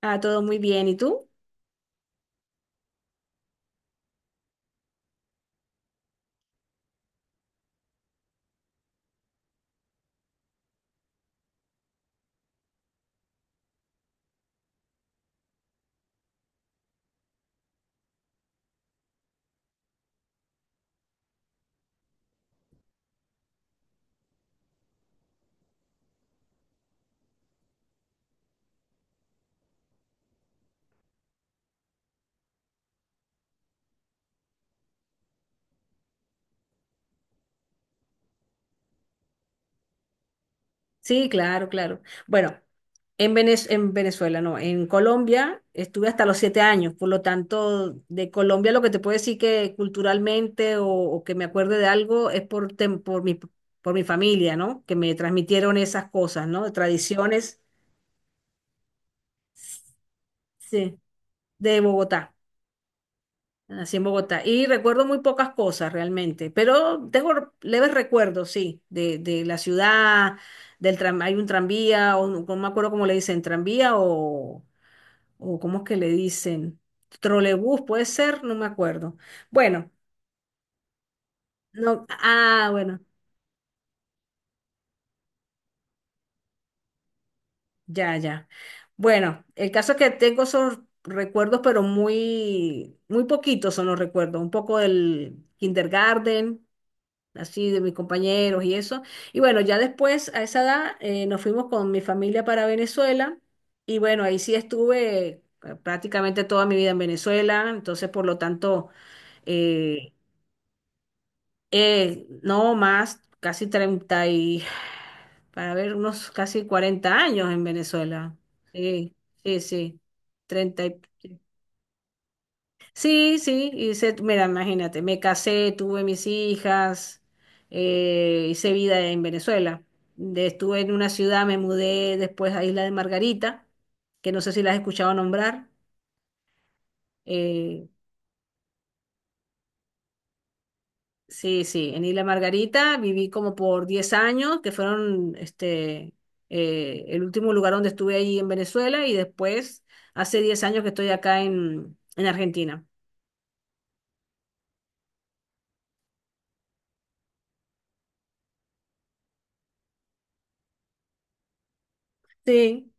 Todo muy bien. ¿Y tú? Sí, claro, claro. Bueno, en Venezuela, no, en Colombia estuve hasta los 7 años, por lo tanto, de Colombia lo que te puedo decir que culturalmente o que me acuerde de algo es por mi familia, ¿no? Que me transmitieron esas cosas, ¿no? Tradiciones. Sí, de Bogotá. Así en Bogotá y recuerdo muy pocas cosas realmente, pero tengo leves recuerdos, sí, de la ciudad, del tram, hay un tranvía, o no, no me acuerdo cómo le dicen, tranvía o cómo es que le dicen, trolebús, puede ser, no me acuerdo. Bueno, no, ah, bueno, ya, ya. Bueno, el caso es que tengo esos recuerdos, pero muy, muy poquitos son los recuerdos, un poco del kindergarten así de mis compañeros y eso. Y bueno, ya después, a esa edad, nos fuimos con mi familia para Venezuela y bueno, ahí sí estuve prácticamente toda mi vida en Venezuela, entonces por lo tanto, eh, no más, casi 30 y, para ver, unos casi 40 años en Venezuela. Sí, sí, sí, treinta. Sí, sí, hice, mira, imagínate, me casé, tuve mis hijas, hice vida en Venezuela. Estuve en una ciudad, me mudé después a Isla de Margarita, que no sé si la has escuchado nombrar. Eh, sí, sí, en Isla Margarita viví como por 10 años, que fueron este, el último lugar donde estuve ahí en Venezuela y después hace 10 años que estoy acá en Argentina. Sí,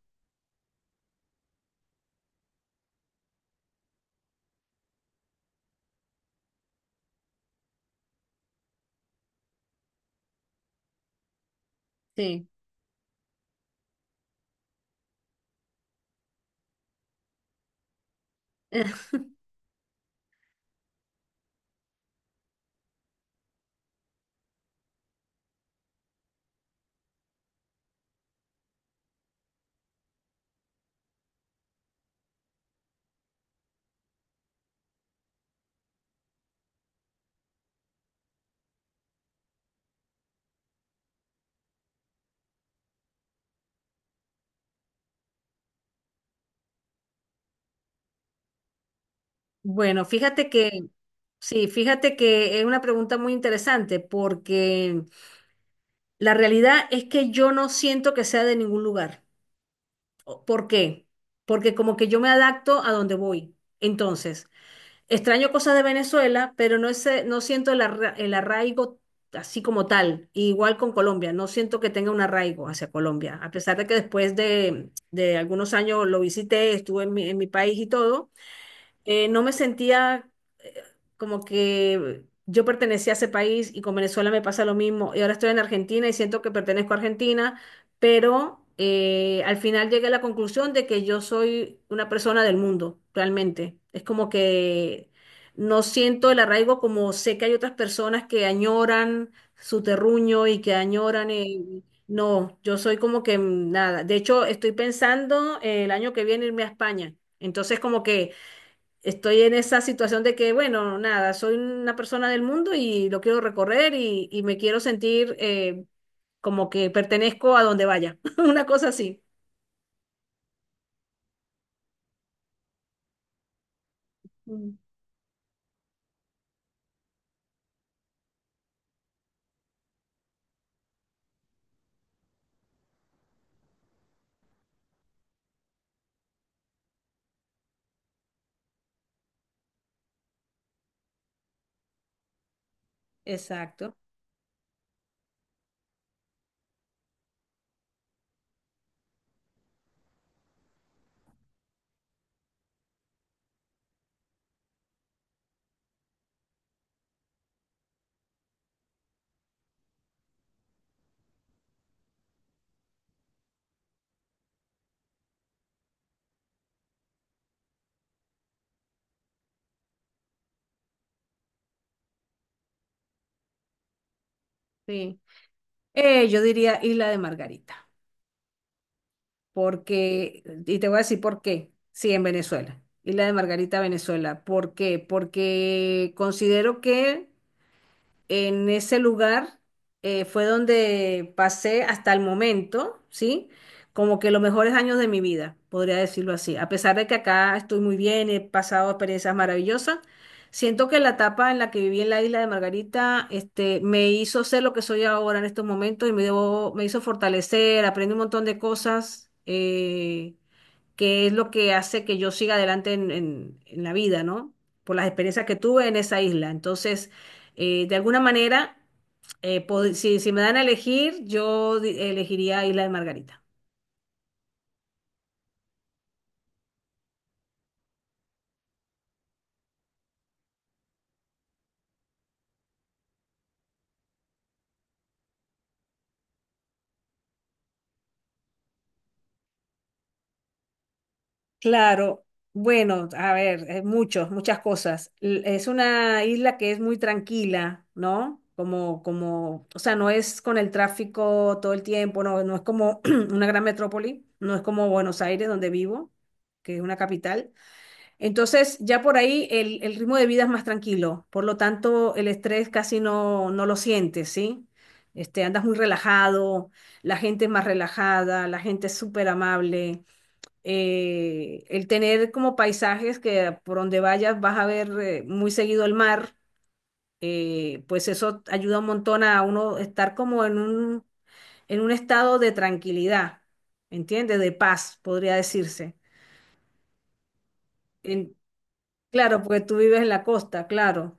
sí. Bueno, fíjate que, sí, fíjate que es una pregunta muy interesante porque la realidad es que yo no siento que sea de ningún lugar. ¿Por qué? Porque como que yo me adapto a donde voy. Entonces, extraño cosas de Venezuela, pero no, no siento el arraigo así como tal. Igual con Colombia, no siento que tenga un arraigo hacia Colombia, a pesar de que después de algunos años lo visité, estuve en mi país y todo, no me sentía eh, como que yo pertenecía a ese país y con Venezuela me pasa lo mismo. Y ahora estoy en Argentina y siento que pertenezco a Argentina, pero al final llegué a la conclusión de que yo soy una persona del mundo, realmente. Es como que no siento el arraigo como sé que hay otras personas que añoran su terruño y que añoran no, yo soy como que nada. De hecho, estoy pensando el año que viene irme a España. Entonces, como que estoy en esa situación de que, bueno, nada, soy una persona del mundo y lo quiero recorrer y me quiero sentir como que pertenezco a donde vaya, una cosa así. Mm, exacto, sí. Yo diría Isla de Margarita, porque, y te voy a decir por qué, sí, en Venezuela, Isla de Margarita, Venezuela, ¿por qué? Porque considero que en ese lugar fue donde pasé hasta el momento, ¿sí? Como que los mejores años de mi vida, podría decirlo así. A pesar de que acá estoy muy bien, he pasado experiencias maravillosas, siento que la etapa en la que viví en la isla de Margarita, este, me hizo ser lo que soy ahora en estos momentos y me hizo fortalecer, aprendí un montón de cosas, que es lo que hace que yo siga adelante en la vida, ¿no? Por las experiencias que tuve en esa isla. Entonces, de alguna manera, si me dan a elegir, yo elegiría Isla de Margarita. Claro, bueno, a ver, muchos, muchas cosas. Es una isla que es muy tranquila, ¿no? O sea, no es con el tráfico todo el tiempo, no, no es como una gran metrópoli, no es como Buenos Aires, donde vivo, que es una capital. Entonces, ya por ahí el ritmo de vida es más tranquilo, por lo tanto, el estrés casi no, no lo sientes, ¿sí? Este, andas muy relajado, la gente es más relajada, la gente es súper amable. El tener como paisajes que por donde vayas vas a ver muy seguido el mar, pues eso ayuda un montón a uno estar como en un estado de tranquilidad, ¿entiendes? De paz, podría decirse. En- claro, porque tú vives en la costa, claro.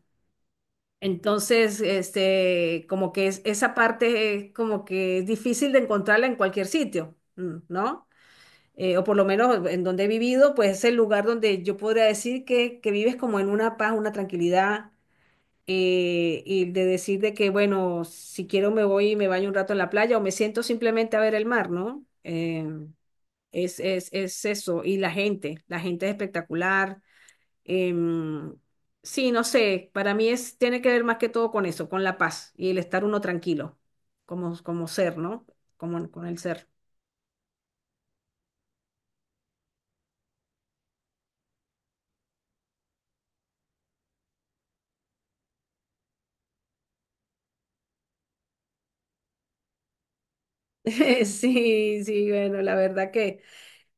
Entonces, este, como que es, esa parte es como que es difícil de encontrarla en cualquier sitio, ¿no? O por lo menos en donde he vivido, pues es el lugar donde yo podría decir que vives como en una paz, una tranquilidad, y de decir de que, bueno, si quiero me voy y me baño un rato en la playa o me siento simplemente a ver el mar, ¿no? Es eso. Y la gente es espectacular. Em, sí, no sé, para mí es, tiene que ver más que todo con eso, con la paz y el estar uno tranquilo, como ser, ¿no? Como con el ser. Sí, sí, bueno, la verdad que,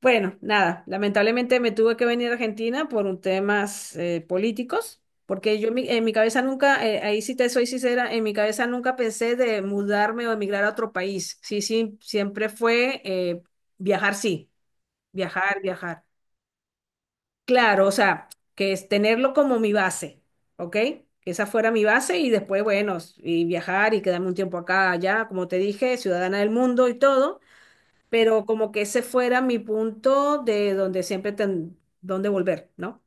bueno, nada, lamentablemente me tuve que venir a Argentina por un temas políticos, porque yo en mi cabeza nunca, ahí sí te soy sincera, en mi cabeza nunca pensé de mudarme o emigrar a otro país. Sí, sí, siempre fue viajar, sí, viajar, viajar. Claro, o sea, que es tenerlo como mi base, ¿ok? Que esa fuera mi base y después, bueno, y viajar y quedarme un tiempo acá, allá, como te dije, ciudadana del mundo y todo, pero como que ese fuera mi punto de donde siempre donde volver, ¿no?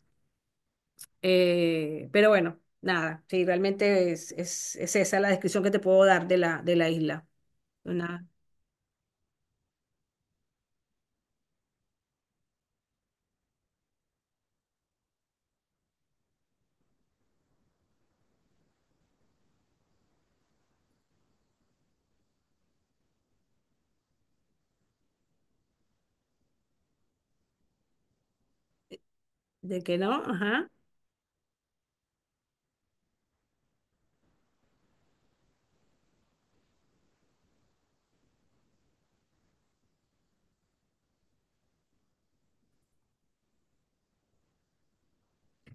Pero bueno, nada, sí, realmente es esa la descripción que te puedo dar de la isla. Una. De que no, ajá.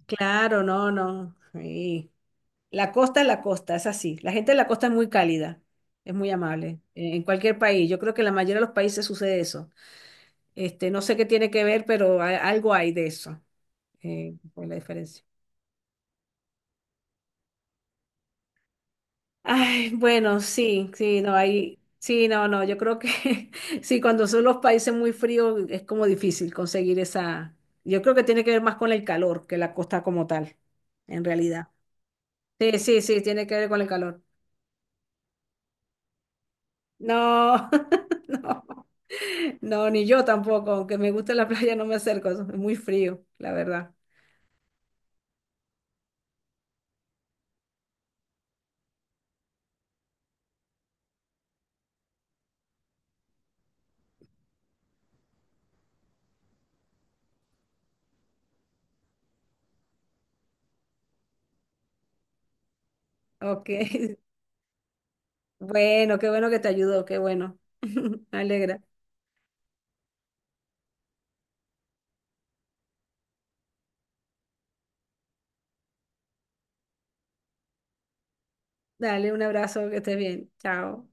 Claro, no, no. Sí. La costa, es así. La gente de la costa es muy cálida, es muy amable, en cualquier país. Yo creo que en la mayoría de los países sucede eso. Este, no sé qué tiene que ver, pero algo hay de eso, por la diferencia. Ay, bueno, sí, sí, no, hay, sí, no, no, yo creo que sí, cuando son los países muy fríos es como difícil conseguir esa, yo creo que tiene que ver más con el calor que la costa como tal, en realidad. Sí, sí, sí, tiene que ver con el calor. No, no. No, ni yo tampoco, aunque me guste la playa, no me acerco, es muy frío, la verdad. Ok, bueno, qué bueno que te ayudó, qué bueno. Me alegra. Dale un abrazo, que estés bien. Chao.